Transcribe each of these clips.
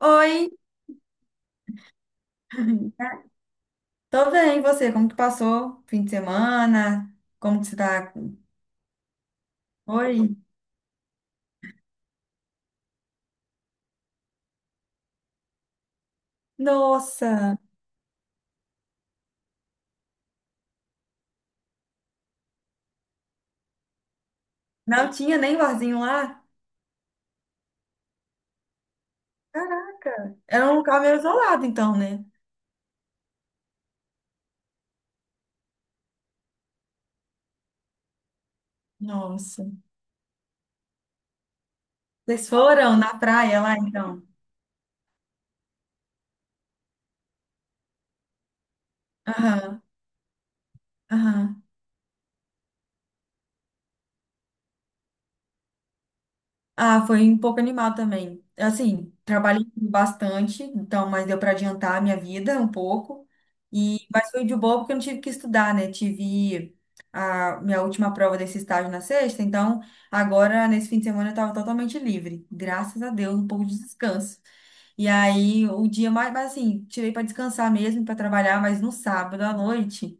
Oi, tô bem, e você? Como que passou o fim de semana? Como que você tá? Oi? Nossa, não tinha nem barzinho lá? Caraca, era um lugar meio isolado então, né? Nossa, vocês foram na praia lá então? Aham, aham. Ah, foi um pouco animal também. Assim, trabalhei bastante, então, mas deu para adiantar a minha vida um pouco. E, mas foi de boa porque eu não tive que estudar, né? Tive a minha última prova desse estágio na sexta, então agora, nesse fim de semana, eu estava totalmente livre. Graças a Deus, um pouco de descanso. E aí, o dia mas assim, tirei para descansar mesmo, para trabalhar, mas no sábado à noite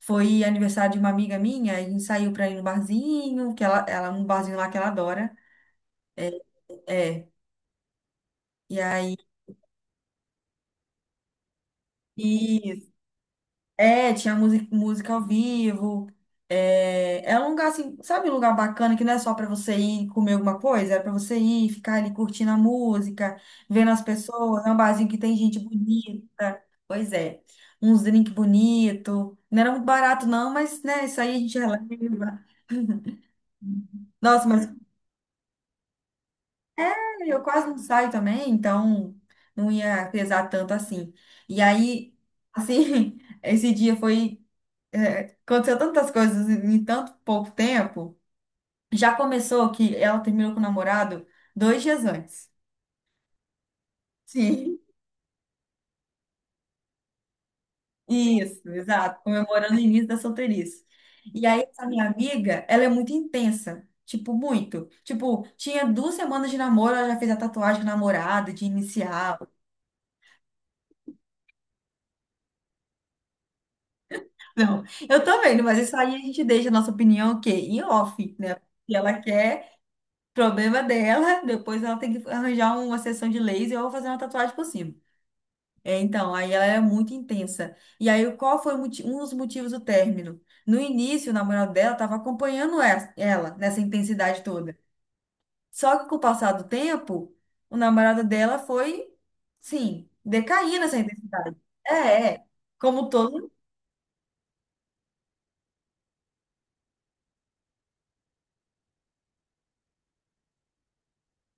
foi aniversário de uma amiga minha, a gente saiu para ir no barzinho, que ela, um barzinho lá que ela adora. É, e aí, isso. É, tinha música, música ao vivo. É, é um lugar assim, sabe, um lugar bacana que não é só para você ir comer alguma coisa, é para você ir ficar ali curtindo a música, vendo as pessoas. É um barzinho que tem gente bonita. Pois é, uns drinks bonito. Não era muito barato, não, mas né, isso aí a gente releva. Nossa, mas é, eu quase não saio também, então não ia pesar tanto assim. E aí, assim, esse dia foi. É, aconteceu tantas coisas em tanto pouco tempo. Já começou que ela terminou com o namorado 2 dias antes. Sim. Isso, exato, comemorando o início da solteirice. E aí, essa minha amiga, ela é muito intensa, tipo, muito. Tipo, tinha 2 semanas de namoro, ela já fez a tatuagem de namorado, de inicial. Não, eu também, mas isso aí a gente deixa a nossa opinião, o quê? Em off, né? Se ela quer, problema dela, depois ela tem que arranjar uma sessão de laser ou fazer uma tatuagem por cima. É, então, aí ela era muito intensa. E aí, qual foi o um dos motivos do término? No início, o namorado dela estava acompanhando ela nessa intensidade toda. Só que com o passar do tempo, o namorado dela foi, sim, decair nessa intensidade. É, é. Como todo,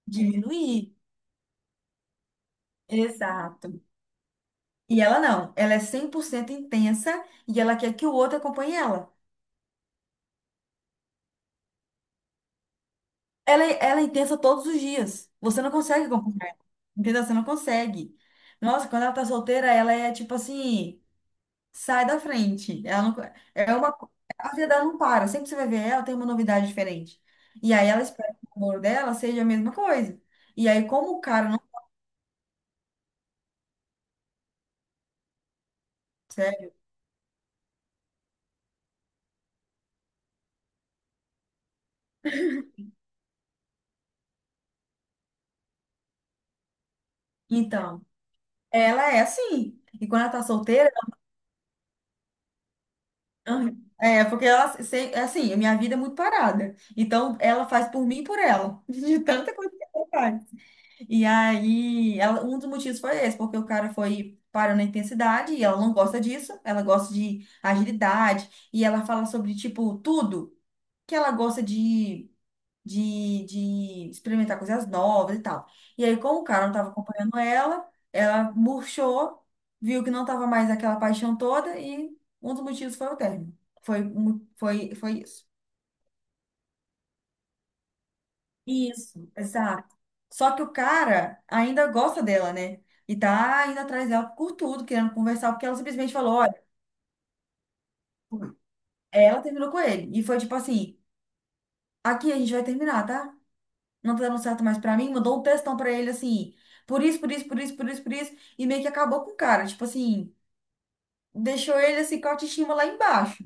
diminuir. Exato. E ela não. Ela é 100% intensa e ela quer que o outro acompanhe ela. Ela é intensa todos os dias. Você não consegue acompanhar. Entendeu? Você não consegue. Nossa, quando ela tá solteira, ela é tipo assim, sai da frente. Ela não, é uma, a vida dela não para. Sempre que você vai ver ela, tem uma novidade diferente. E aí ela espera que o amor dela seja a mesma coisa. E aí, como o cara não consegue, então, ela é assim. E quando ela tá solteira, ela- é porque ela se- é assim, a minha vida é muito parada. Então, ela faz por mim e por ela. De tanta coisa que ela faz. E aí, um dos motivos foi esse, porque o cara foi parando na intensidade e ela não gosta disso, ela gosta de agilidade e ela fala sobre, tipo, tudo que ela gosta de experimentar coisas novas e tal. E aí, como o cara não estava acompanhando ela, ela murchou, viu que não estava mais aquela paixão toda e um dos motivos foi o término. Foi isso. Isso, exato. Só que o cara ainda gosta dela, né? E tá indo atrás dela por tudo, querendo conversar, porque ela simplesmente falou, olha, ela terminou com ele. E foi tipo assim, aqui a gente vai terminar, tá? Não tá dando certo mais pra mim, mandou um textão pra ele assim, por isso, por isso, por isso, por isso, por isso, e meio que acabou com o cara, tipo assim, deixou ele assim com a autoestima lá embaixo.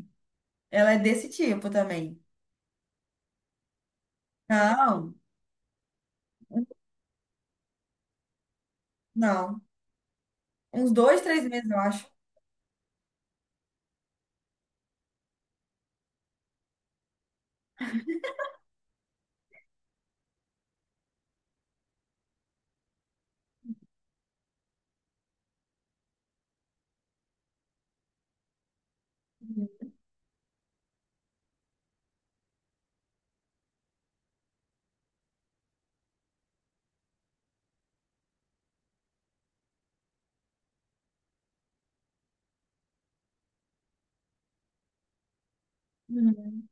Ela é desse tipo também. Não, não. Uns dois, três meses, eu acho. Uhum.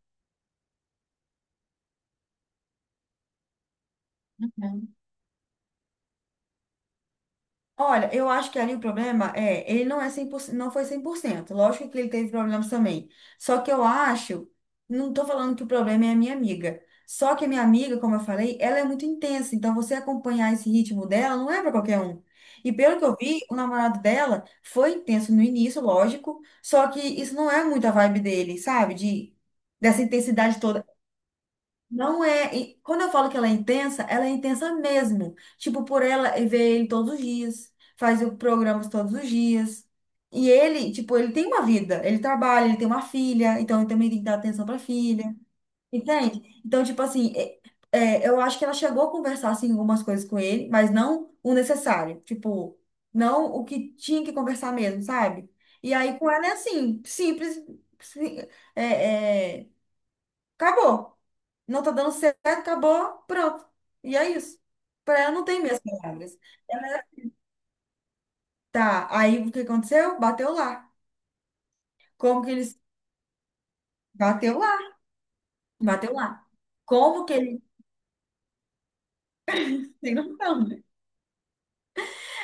Olha, eu acho que ali o problema é, ele não é 100%, não foi 100%. Lógico que ele teve problemas também. Só que eu acho, não tô falando que o problema é a minha amiga. Só que a minha amiga, como eu falei, ela é muito intensa, então você acompanhar esse ritmo dela não é para qualquer um. E pelo que eu vi, o namorado dela foi intenso no início, lógico, só que isso não é muito a vibe dele, sabe? De Dessa intensidade toda não é. E quando eu falo que ela é intensa mesmo. Tipo, por ela ver ele todos os dias, faz programas todos os dias. E ele, tipo, ele tem uma vida, ele trabalha, ele tem uma filha, então ele também tem que dar atenção pra filha, entende? Então, tipo assim, eu acho que ela chegou a conversar, assim, algumas coisas com ele, mas não o necessário, tipo, não o que tinha que conversar mesmo, sabe? E aí com ela é assim, simples, sim- é, é, acabou. Não tá dando certo, acabou, pronto. E é isso. Para ela não tem minhas palavras. Tá, aí o que aconteceu? Bateu lá. Como que eles. Bateu lá, bateu lá. Como que ele. Sem noção, né?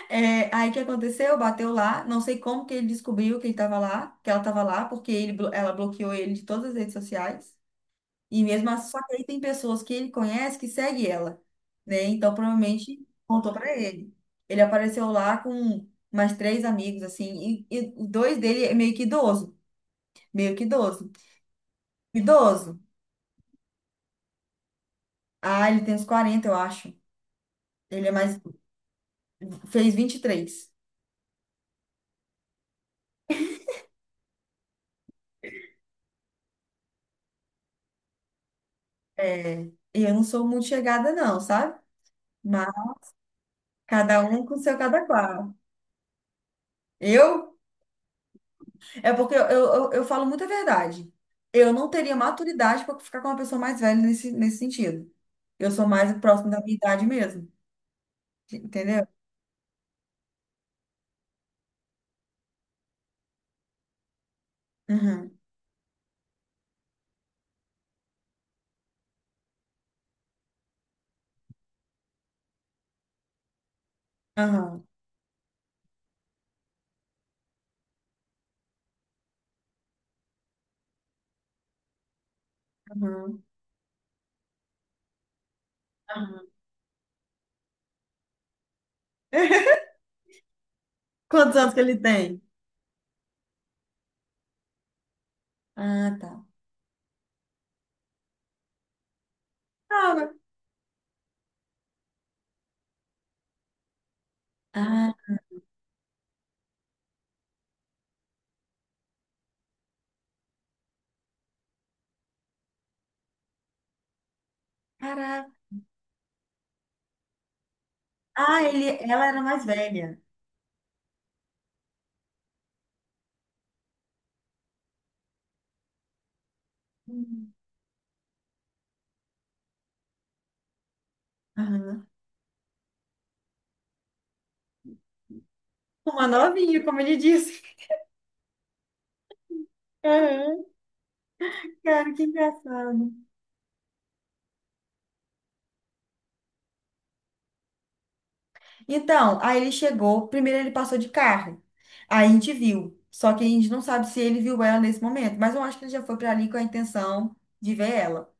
É, aí o que aconteceu? Bateu lá. Não sei como que ele descobriu que ele tava lá, que ela tava lá, porque ela bloqueou ele de todas as redes sociais. E mesmo assim, só que aí tem pessoas que ele conhece que segue ela, né? Então provavelmente contou pra ele. Ele apareceu lá com mais três amigos, assim, e dois dele é meio que idoso, meio que idoso. Idoso. Ah, ele tem uns 40 eu acho. Ele é mais, fez 23. É, e eu não sou muito chegada não, sabe? Mas cada um com seu cada qual. Eu? É porque eu falo muita verdade. Eu não teria maturidade para ficar com uma pessoa mais velha nesse sentido. Eu sou mais próximo da minha idade mesmo. Entendeu? Uhum. Aham. Aham. Aham. Quantos anos que ele tem? Ah, tá. Ah, né? Ah, caraca. Ah, ela era mais velha. Hum. Aham. Uma novinha, como ele disse. Aham. Cara, que engraçado. Então, aí ele chegou, primeiro ele passou de carro. Aí a gente viu. Só que a gente não sabe se ele viu ela nesse momento, mas eu acho que ele já foi para ali com a intenção de ver ela.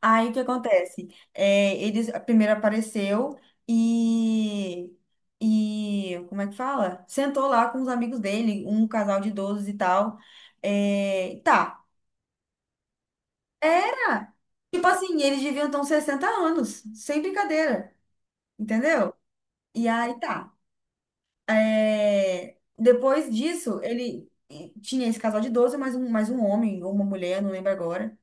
Aí o que acontece? É, ele primeiro apareceu e, e como é que fala? Sentou lá com os amigos dele, um casal de idosos e tal. É, tá. Era. Tipo assim, eles deviam ter uns 60 anos, sem brincadeira, entendeu? E aí tá. É, depois disso, ele tinha esse casal de 12 mais um homem ou uma mulher, não lembro agora.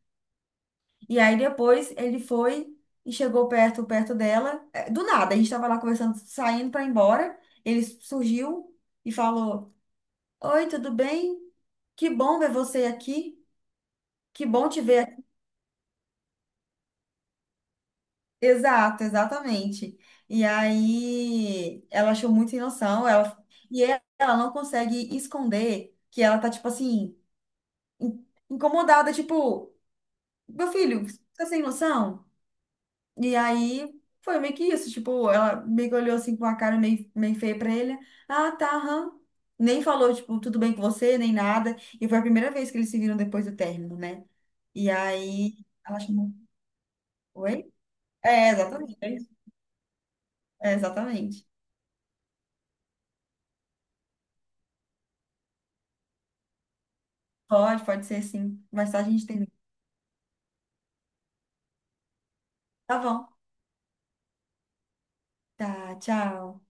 E aí depois ele foi e chegou perto dela. É, do nada, a gente tava lá conversando, saindo pra ir embora. Ele surgiu e falou: Oi, tudo bem? Que bom ver você aqui. Que bom te ver aqui. Exato, exatamente. E aí ela achou muito sem noção. E Ela não consegue esconder que ela tá tipo assim incomodada, tipo, meu filho, você tá sem noção? E aí foi meio que isso, tipo, ela meio que olhou assim com a cara meio, meio feia pra ele. Ah, tá, aham. Nem falou, tipo, tudo bem com você, nem nada. E foi a primeira vez que eles se viram depois do término, né? E aí ela chamou. Oi? É, exatamente. É, isso. É, exatamente. Pode, pode ser sim. Mais tarde a gente termina. Tá bom. Tá, tchau.